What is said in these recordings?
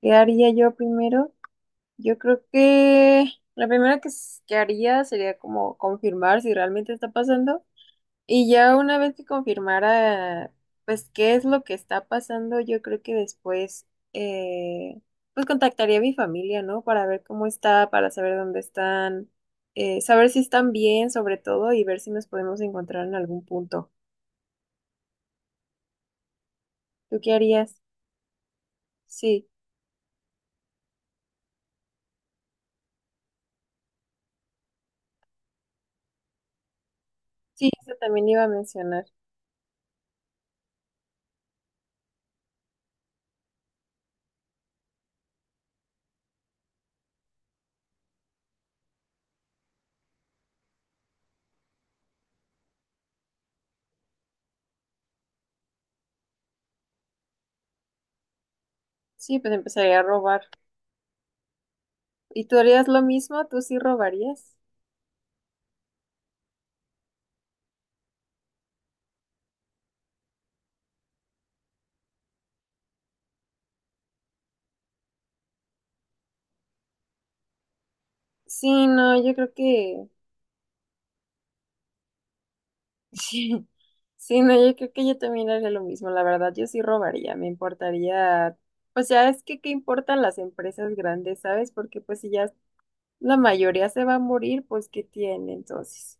¿Qué haría yo primero? Yo creo que la primera que haría sería como confirmar si realmente está pasando. Y ya una vez que confirmara, pues, qué es lo que está pasando, yo creo que después, eh, pues, contactaría a mi familia, ¿no? Para ver cómo está, para saber dónde están, saber si están bien, sobre todo, y ver si nos podemos encontrar en algún punto. ¿Tú qué harías? Sí, sí, eso también iba a mencionar. Sí, pues empezaría a robar. ¿Y tú harías lo mismo? ¿Tú sí robarías? Sí, no, yo creo que... Sí, sí, no, yo creo que yo también haría lo mismo. La verdad, yo sí robaría. Me importaría... Pues ya es que qué importan las empresas grandes, ¿sabes? Porque pues si ya la mayoría se va a morir, pues ¿qué tiene entonces?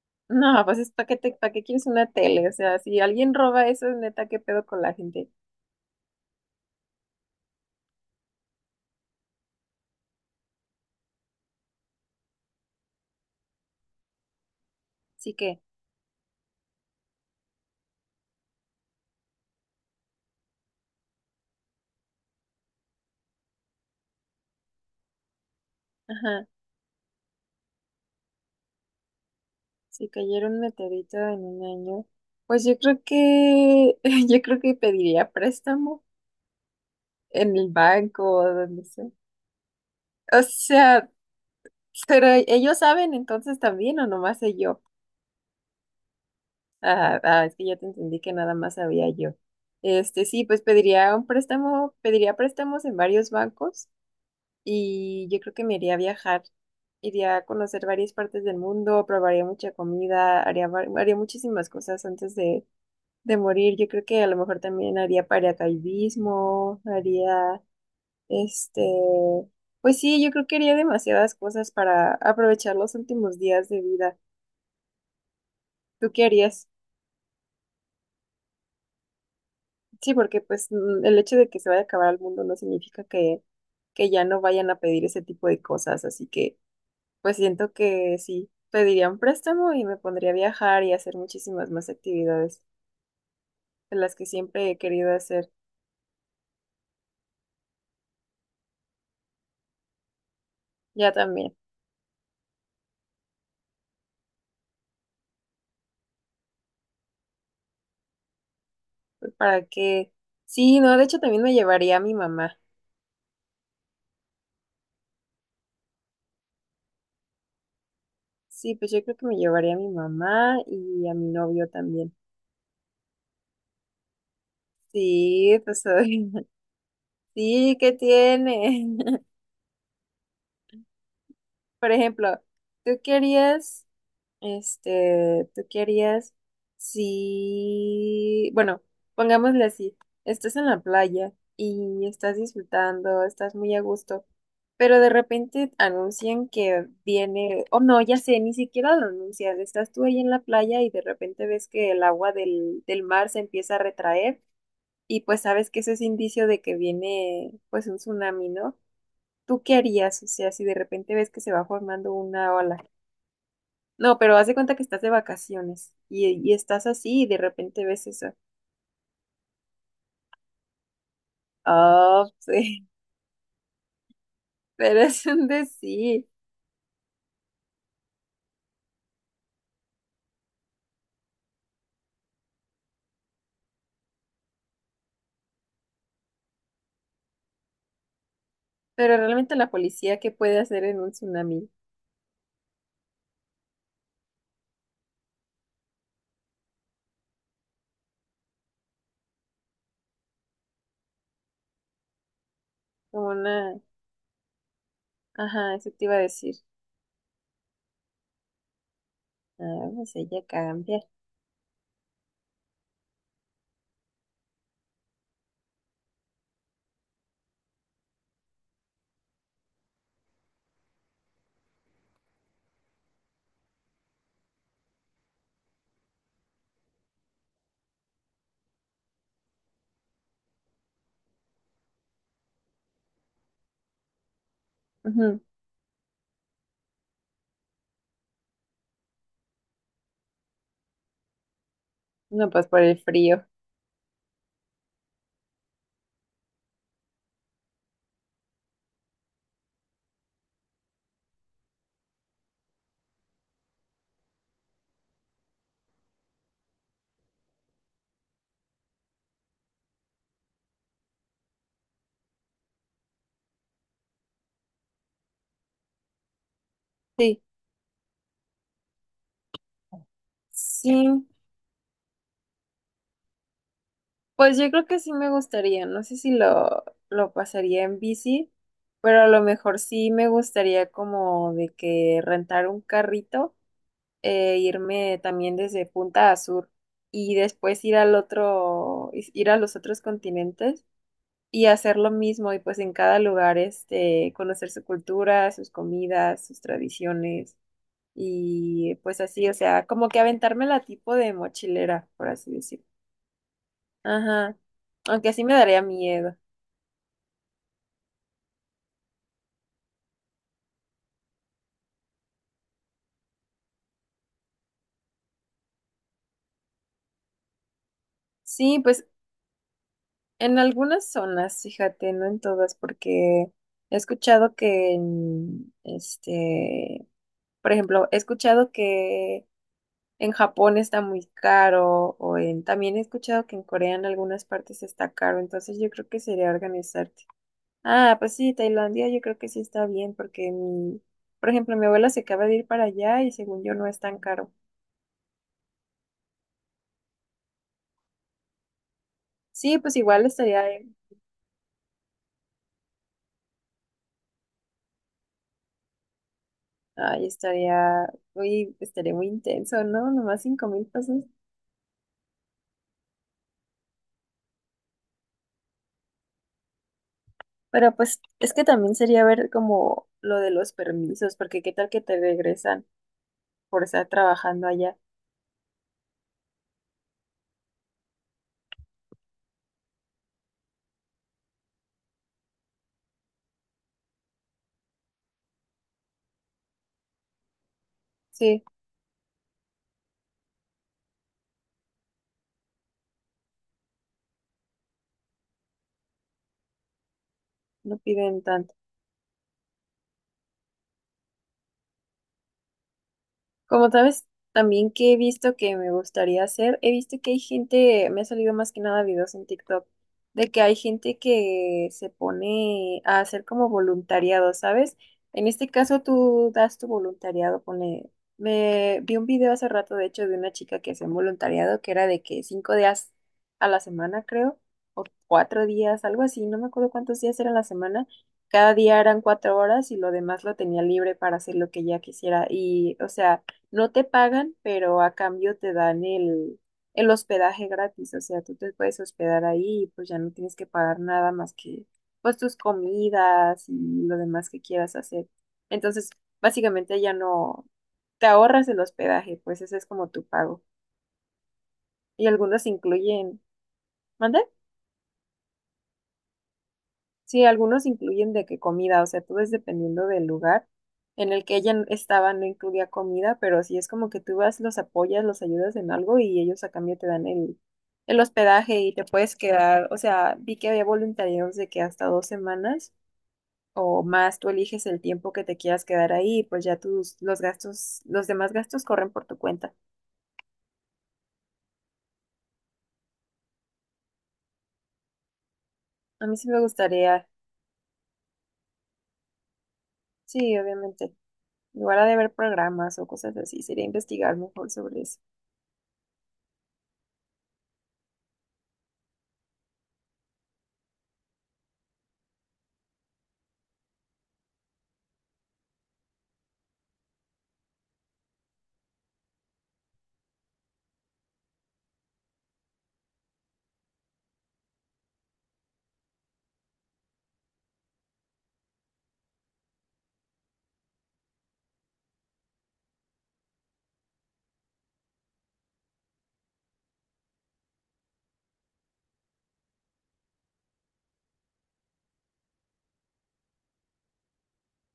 No, pues es para qué te, pa qué quieres una tele. O sea, si alguien roba eso, es neta, qué pedo con la gente. Sí que, ajá, si cayera un meteorito en un año, pues yo creo que, yo creo que pediría préstamo en el banco o donde sea. O sea, pero ellos saben entonces también o nomás sé yo. Ah, ah, es que ya te entendí que nada más sabía yo. Sí, pues pediría un préstamo, pediría préstamos en varios bancos y yo creo que me iría a viajar. Iría a conocer varias partes del mundo, probaría mucha comida, haría muchísimas cosas antes de morir. Yo creo que a lo mejor también haría paracaidismo, haría Este, pues sí, yo creo que haría demasiadas cosas para aprovechar los últimos días de vida. ¿Tú qué harías? Sí, porque pues mm, el hecho de que se vaya a acabar el mundo no significa que ya no vayan a pedir ese tipo de cosas, así que pues siento que sí, pediría un préstamo y me pondría a viajar y a hacer muchísimas más actividades de las que siempre he querido hacer, ya también, pues, para que, sí, no, de hecho también me llevaría a mi mamá. Sí, pues yo creo que me llevaría a mi mamá y a mi novio también. Sí, pues soy- sí, ¿qué tiene? Por ejemplo, tú querías, este, tú querías, sí, bueno, pongámosle así, estás en la playa y estás disfrutando, estás muy a gusto, pero de repente anuncian que viene, oh no, ya sé, ni siquiera lo anuncian, estás tú ahí en la playa y de repente ves que el agua del mar se empieza a retraer, y pues sabes que eso es indicio de que viene pues un tsunami, ¿no? ¿Tú qué harías? O sea, si de repente ves que se va formando una ola. No, pero haz de cuenta que estás de vacaciones y estás así y de repente ves eso. Oh, sí, pero es un decir. Pero realmente la policía, ¿qué puede hacer en un tsunami? Como una... Ajá, eso te iba a decir. Ah, pues ella cambia. Ujú. No, pues por el frío. Sí. Sí, pues yo creo que sí me gustaría, no sé si lo pasaría en bici, pero a lo mejor sí me gustaría como de que rentar un carrito, irme también desde punta a sur y después ir a los otros continentes y hacer lo mismo y pues en cada lugar este, conocer su cultura, sus comidas, sus tradiciones y pues así, o sea, como que aventarme la tipo de mochilera, por así decirlo. Ajá. Aunque sí me daría miedo. Sí, pues en algunas zonas, fíjate, no en todas, porque he escuchado que en, este, por ejemplo, he escuchado que en Japón está muy caro, o en, también he escuchado que en Corea en algunas partes está caro, entonces yo creo que sería organizarte. Ah, pues sí, Tailandia yo creo que sí está bien, porque mi, por ejemplo, mi abuela se acaba de ir para allá y según yo no es tan caro. Sí, pues igual estaría. Ay, estaría muy intenso, ¿no? Nomás 5,000 pesos. Pero pues es que también sería ver como lo de los permisos, porque qué tal que te regresan por estar trabajando allá. Sí, no piden tanto. Como sabes, también que he visto que me gustaría hacer, he visto que hay gente, me ha salido más que nada videos en TikTok, de que hay gente que se pone a hacer como voluntariado, ¿sabes? En este caso tú das tu voluntariado, pone, me vi un video hace rato, de hecho, de una chica que hacía un voluntariado que era de que 5 días a la semana, creo, o 4 días, algo así, no me acuerdo cuántos días eran la semana. Cada día eran 4 horas y lo demás lo tenía libre para hacer lo que ella quisiera. Y, o sea, no te pagan, pero a cambio te dan el hospedaje gratis. O sea, tú te puedes hospedar ahí y pues ya no tienes que pagar nada más que pues tus comidas y lo demás que quieras hacer. Entonces, básicamente ya no te ahorras el hospedaje, pues ese es como tu pago. Y algunos incluyen, ¿mande? Sí, algunos incluyen de que comida, o sea, todo es dependiendo del lugar en el que ella estaba, no incluía comida, pero sí es como que tú vas, los apoyas, los ayudas en algo y ellos a cambio te dan el hospedaje y te puedes quedar, o sea, vi que había voluntariados de que hasta 2 semanas o más tú eliges el tiempo que te quieras quedar ahí, pues ya tus, los gastos, los demás gastos corren por tu cuenta. A mí sí me gustaría, sí, obviamente, igual lugar de ver programas o cosas así, sería investigar mejor sobre eso.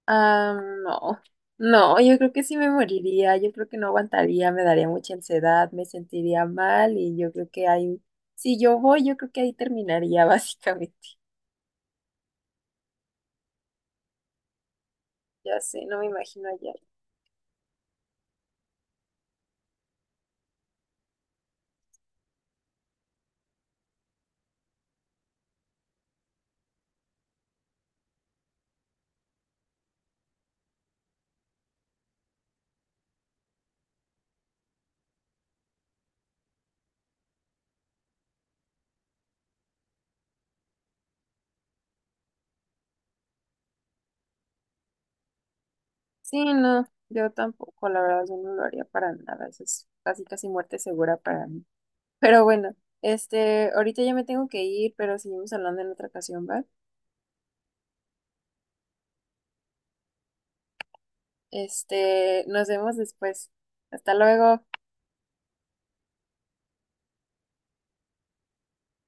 Ah, no, no, yo creo que sí me moriría, yo creo que no aguantaría, me daría mucha ansiedad, me sentiría mal y yo creo que ahí, si yo voy, yo creo que ahí terminaría básicamente. Ya sé, no me imagino allá. Sí, no, yo tampoco, la verdad, yo no lo haría para nada, eso es casi casi muerte segura para mí. Pero bueno, este, ahorita ya me tengo que ir, pero seguimos hablando en otra ocasión, ¿va? Este, nos vemos después. Hasta luego.